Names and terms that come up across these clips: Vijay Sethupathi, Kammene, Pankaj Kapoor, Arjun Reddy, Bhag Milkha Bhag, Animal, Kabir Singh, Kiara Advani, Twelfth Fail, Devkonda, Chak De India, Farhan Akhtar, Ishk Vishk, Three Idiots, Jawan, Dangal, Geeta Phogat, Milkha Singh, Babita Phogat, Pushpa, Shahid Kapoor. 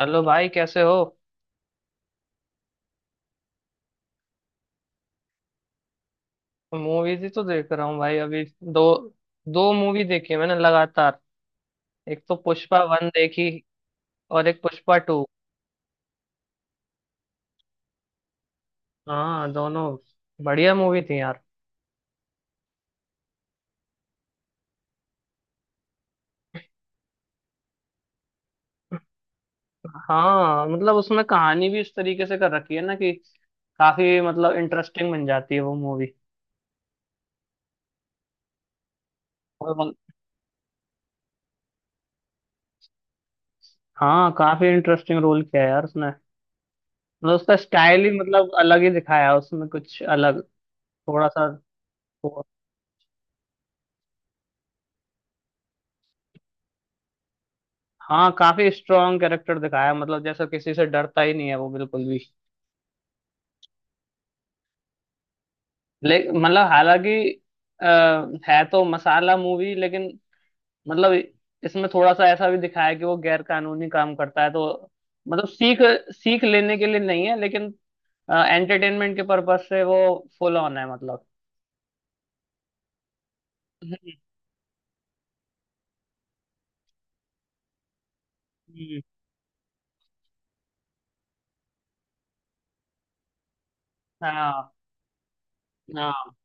Hello भाई, कैसे हो? मूवीज ही तो देख रहा हूँ भाई। अभी दो दो मूवी देखी है मैंने लगातार। एक तो पुष्पा वन देखी, और एक पुष्पा टू। हाँ, दोनों। बढ़िया मूवी थी यार। हाँ मतलब उसमें कहानी भी इस तरीके से कर रखी है ना कि काफी मतलब इंटरेस्टिंग बन जाती है वो मूवी। और मत- हाँ, काफी इंटरेस्टिंग रोल किया है यार उसने। मतलब उसका स्टाइल ही मतलब अलग ही दिखाया है उसमें, कुछ अलग, थोड़ा सा। हाँ, काफी स्ट्रांग कैरेक्टर दिखाया है, मतलब जैसा किसी से डरता ही नहीं है वो बिल्कुल भी। ले मतलब हालांकि अ, है तो मसाला मूवी, लेकिन मतलब इसमें थोड़ा सा ऐसा भी दिखाया है कि वो गैर कानूनी काम करता है, तो मतलब सीख सीख लेने के लिए नहीं है, लेकिन एंटरटेनमेंट के पर्पज से वो फुल ऑन है मतलब। हम्म। हम्म। हाँ हाँ।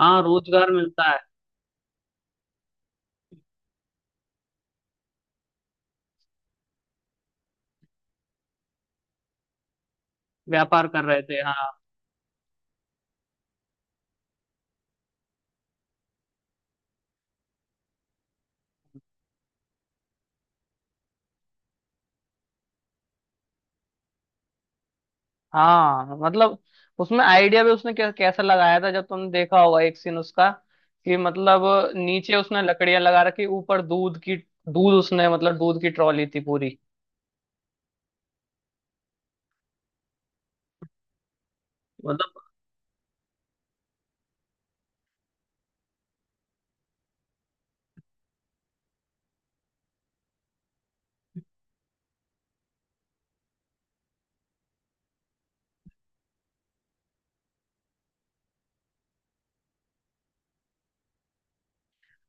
हाँ, रोजगार मिलता है। व्यापार कर रहे थे, हाँ। हाँ, मतलब उसमें आइडिया भी उसने कैसा लगाया था, जब तुमने देखा होगा एक सीन उसका, कि मतलब नीचे उसने लकड़ियां लगा रखी, ऊपर दूध की। दूध उसने, मतलब दूध की ट्रॉली थी पूरी। मतलब।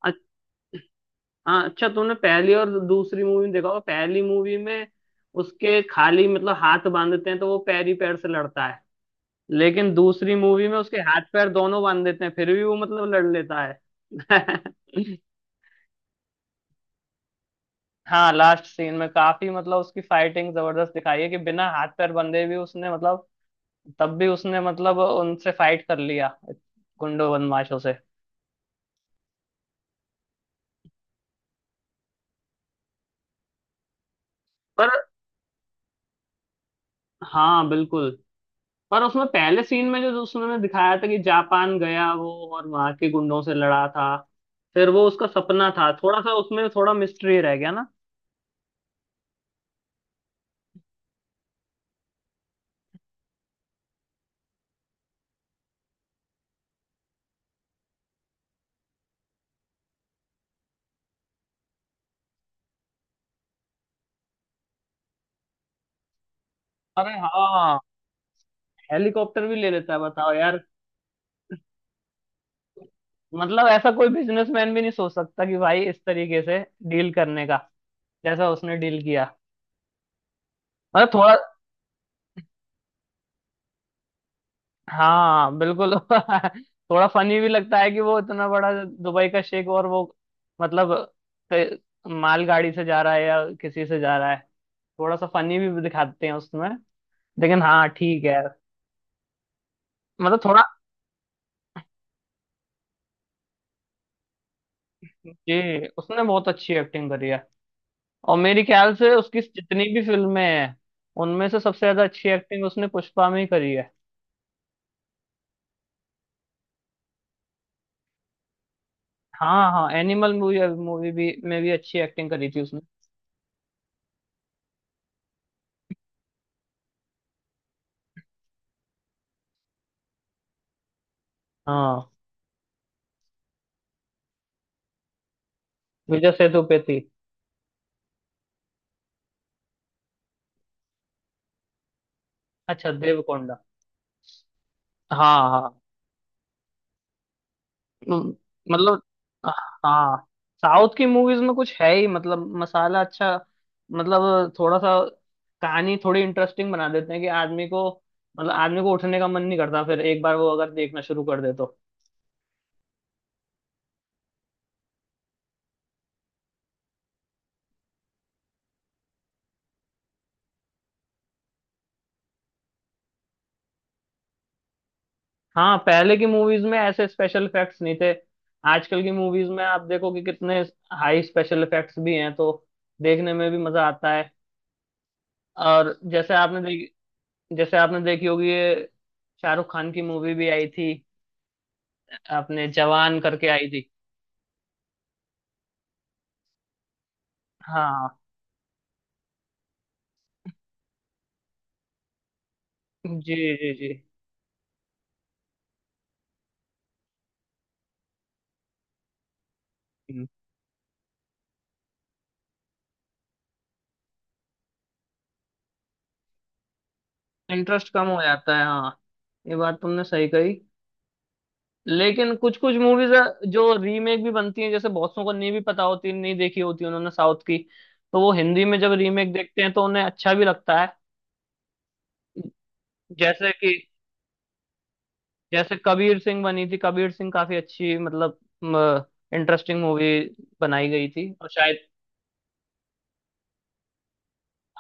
अ- हाँ अच्छा, तुमने पहली और दूसरी मूवी में देखा होगा, पहली मूवी में उसके खाली, मतलब हाथ बांधते हैं तो वो पैर ही पैर से लड़ता है। लेकिन दूसरी मूवी में उसके हाथ पैर दोनों बांध देते हैं, फिर भी वो मतलब लड़ लेता है हाँ लास्ट सीन में काफी मतलब उसकी फाइटिंग जबरदस्त दिखाई है कि बिना हाथ पैर बंधे भी उसने मतलब, तब भी उसने मतलब उनसे फाइट कर लिया, गुंडों बदमाशों से। पर हाँ, बिल्कुल। पर उसमें पहले सीन में जो जो उसने दिखाया था कि जापान गया वो, और वहां के गुंडों से लड़ा था, फिर वो उसका सपना था, थोड़ा सा उसमें थोड़ा मिस्ट्री रह गया ना। अरे हाँ, हेलीकॉप्टर भी ले लेता है बताओ यार। मतलब ऐसा कोई बिजनेसमैन भी नहीं सोच सकता कि भाई इस तरीके से डील करने का, जैसा उसने डील किया। मतलब थोड़ा। हाँ, बिल्कुल थोड़ा फनी भी लगता है कि वो इतना बड़ा दुबई का शेख और वो मतलब क- माल गाड़ी से जा रहा है या किसी से जा रहा है, थोड़ा सा फनी भी दिखाते हैं उसमें। लेकिन हाँ, ठीक है। मतलब थोड़ा। जी उसने बहुत अच्छी एक्टिंग करी है, और मेरे ख्याल से उसकी जितनी भी फिल्में हैं, उनमें से सबसे ज्यादा अच्छी एक्टिंग उसने पुष्पा में ही करी है। हाँ हाँ, एनिमल मूवी मूवी भी में भी अच्छी एक्टिंग करी थी उसने। हाँ, विजय सेतुपति। अच्छा देवकोंडा। हाँ हाँ। म- मतलब। हाँ, साउथ की मूवीज में कुछ है ही मतलब मसाला, अच्छा मतलब थोड़ा सा कहानी थोड़ी इंटरेस्टिंग बना देते हैं कि आदमी को, मतलब आदमी को उठने का मन नहीं करता फिर एक बार वो अगर देखना शुरू कर दे तो। हाँ, पहले की मूवीज में ऐसे स्पेशल इफेक्ट्स नहीं थे, आजकल की मूवीज में आप देखो कि कितने हाई स्पेशल इफेक्ट्स भी हैं तो देखने में भी मजा आता है। और जैसे आपने देखी जैसे आपने देखी होगी, ये शाहरुख खान की मूवी भी आई थी, आपने जवान करके आई थी। हाँ। जी जी जी। इंटरेस्ट कम हो जाता है, हाँ, ये बात तुमने सही कही। लेकिन कुछ कुछ मूवीज जो रीमेक भी बनती हैं, जैसे बहुत लोगों को नहीं भी पता होती, नहीं देखी होती उन्होंने साउथ की, तो वो हिंदी में जब रीमेक देखते हैं तो उन्हें अच्छा भी लगता है। जैसे कि, जैसे कबीर सिंह बनी थी। कबीर सिंह काफी अच्छी मतलब इंटरेस्टिंग मूवी बनाई गई थी, और शायद।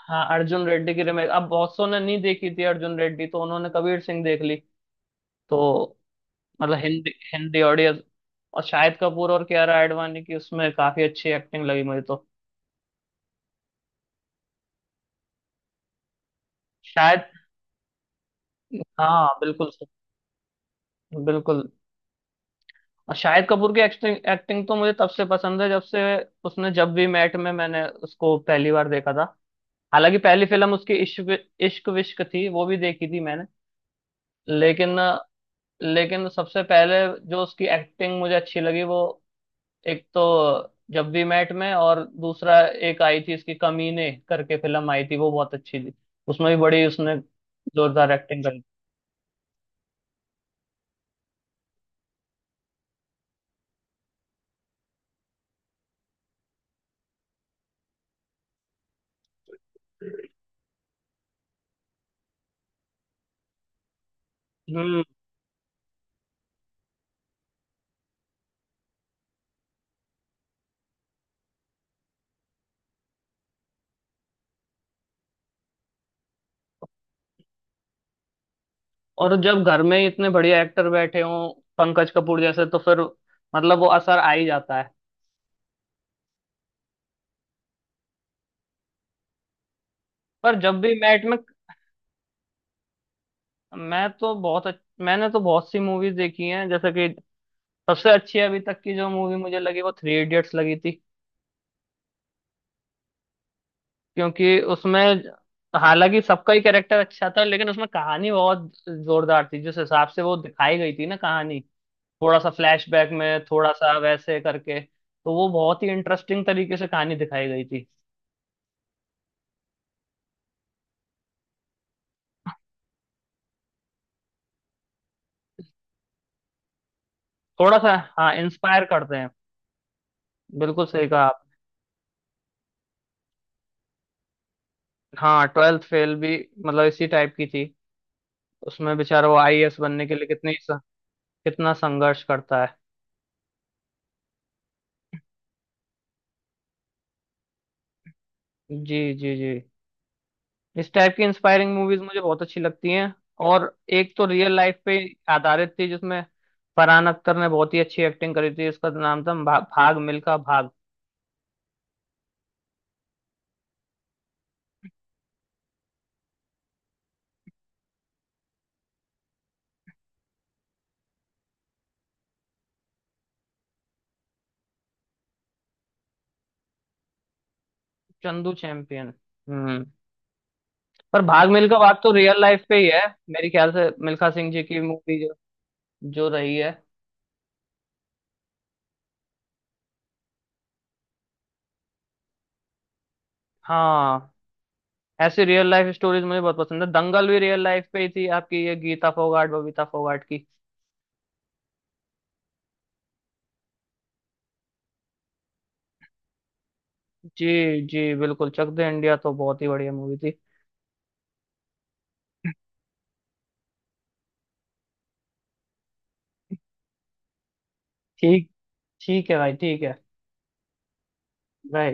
हाँ, अर्जुन रेड्डी की रिमेक, अब बहुत सौ ने नहीं देखी थी अर्जुन रेड्डी, तो उन्होंने कबीर सिंह देख ली। तो मतलब हिंदी हिंदी ऑडियंस। और शाहिद कपूर और कियारा आडवाणी की उसमें काफी अच्छी एक्टिंग लगी मुझे तो। शायद। हाँ, बिल्कुल बिल्कुल। और शाहिद कपूर की एक्टिंग एक्टिंग तो मुझे तब से पसंद है जब से उसने, जब भी मैट में मैंने उसको पहली बार देखा था। हालांकि पहली फिल्म उसकी इश्क इश्क विश्क थी, वो भी देखी थी मैंने। लेकिन, सबसे पहले जो उसकी एक्टिंग मुझे अच्छी लगी वो, एक तो जब वी मेट में, और दूसरा एक आई थी इसकी कमीने करके फिल्म आई थी, वो बहुत अच्छी थी। उसमें भी बड़ी उसने जोरदार एक्टिंग करी। हम्म। और जब घर में ही इतने बढ़िया एक्टर बैठे हों, पंकज कपूर जैसे, तो फिर मतलब वो असर आ ही जाता है। पर जब भी मैट में। मैंने तो बहुत सी मूवीज देखी हैं, जैसे कि सबसे अच्छी अभी तक की जो मूवी मुझे लगी वो थ्री इडियट्स लगी थी। क्योंकि उसमें, हालांकि सबका ही कैरेक्टर अच्छा था, लेकिन उसमें कहानी बहुत जोरदार थी, जिस हिसाब से वो दिखाई गई थी ना कहानी, थोड़ा सा फ्लैशबैक में, थोड़ा सा वैसे करके, तो वो बहुत ही इंटरेस्टिंग तरीके से कहानी दिखाई गई थी। थोड़ा सा, हाँ इंस्पायर करते हैं, बिल्कुल सही कहा आप। हाँ, 12th फेल भी मतलब इसी टाइप की थी, उसमें बेचारा वो आईएएस बनने के लिए कितनी कितना संघर्ष करता है। जी जी जी, इस टाइप की इंस्पायरिंग मूवीज मुझे बहुत अच्छी लगती हैं। और एक तो रियल लाइफ पे आधारित थी, जिसमें फरहान अख्तर ने बहुत ही अच्छी एक्टिंग करी थी, इसका नाम था भाग मिल्खा भाग। चंदू चैंपियन। हम्म। पर भाग मिल्खा भाग तो रियल लाइफ पे ही है, मेरे ख्याल से मिल्खा सिंह जी की मूवी जो रही है। हाँ, ऐसी रियल लाइफ स्टोरीज मुझे बहुत पसंद है, दंगल भी रियल लाइफ पे ही थी आपकी, ये गीता फोगाट बबीता फोगाट की। जी जी, बिल्कुल चक दे इंडिया तो बहुत ही बढ़िया मूवी थी। ठीक, ठीक है भाई, ठीक है। बाय।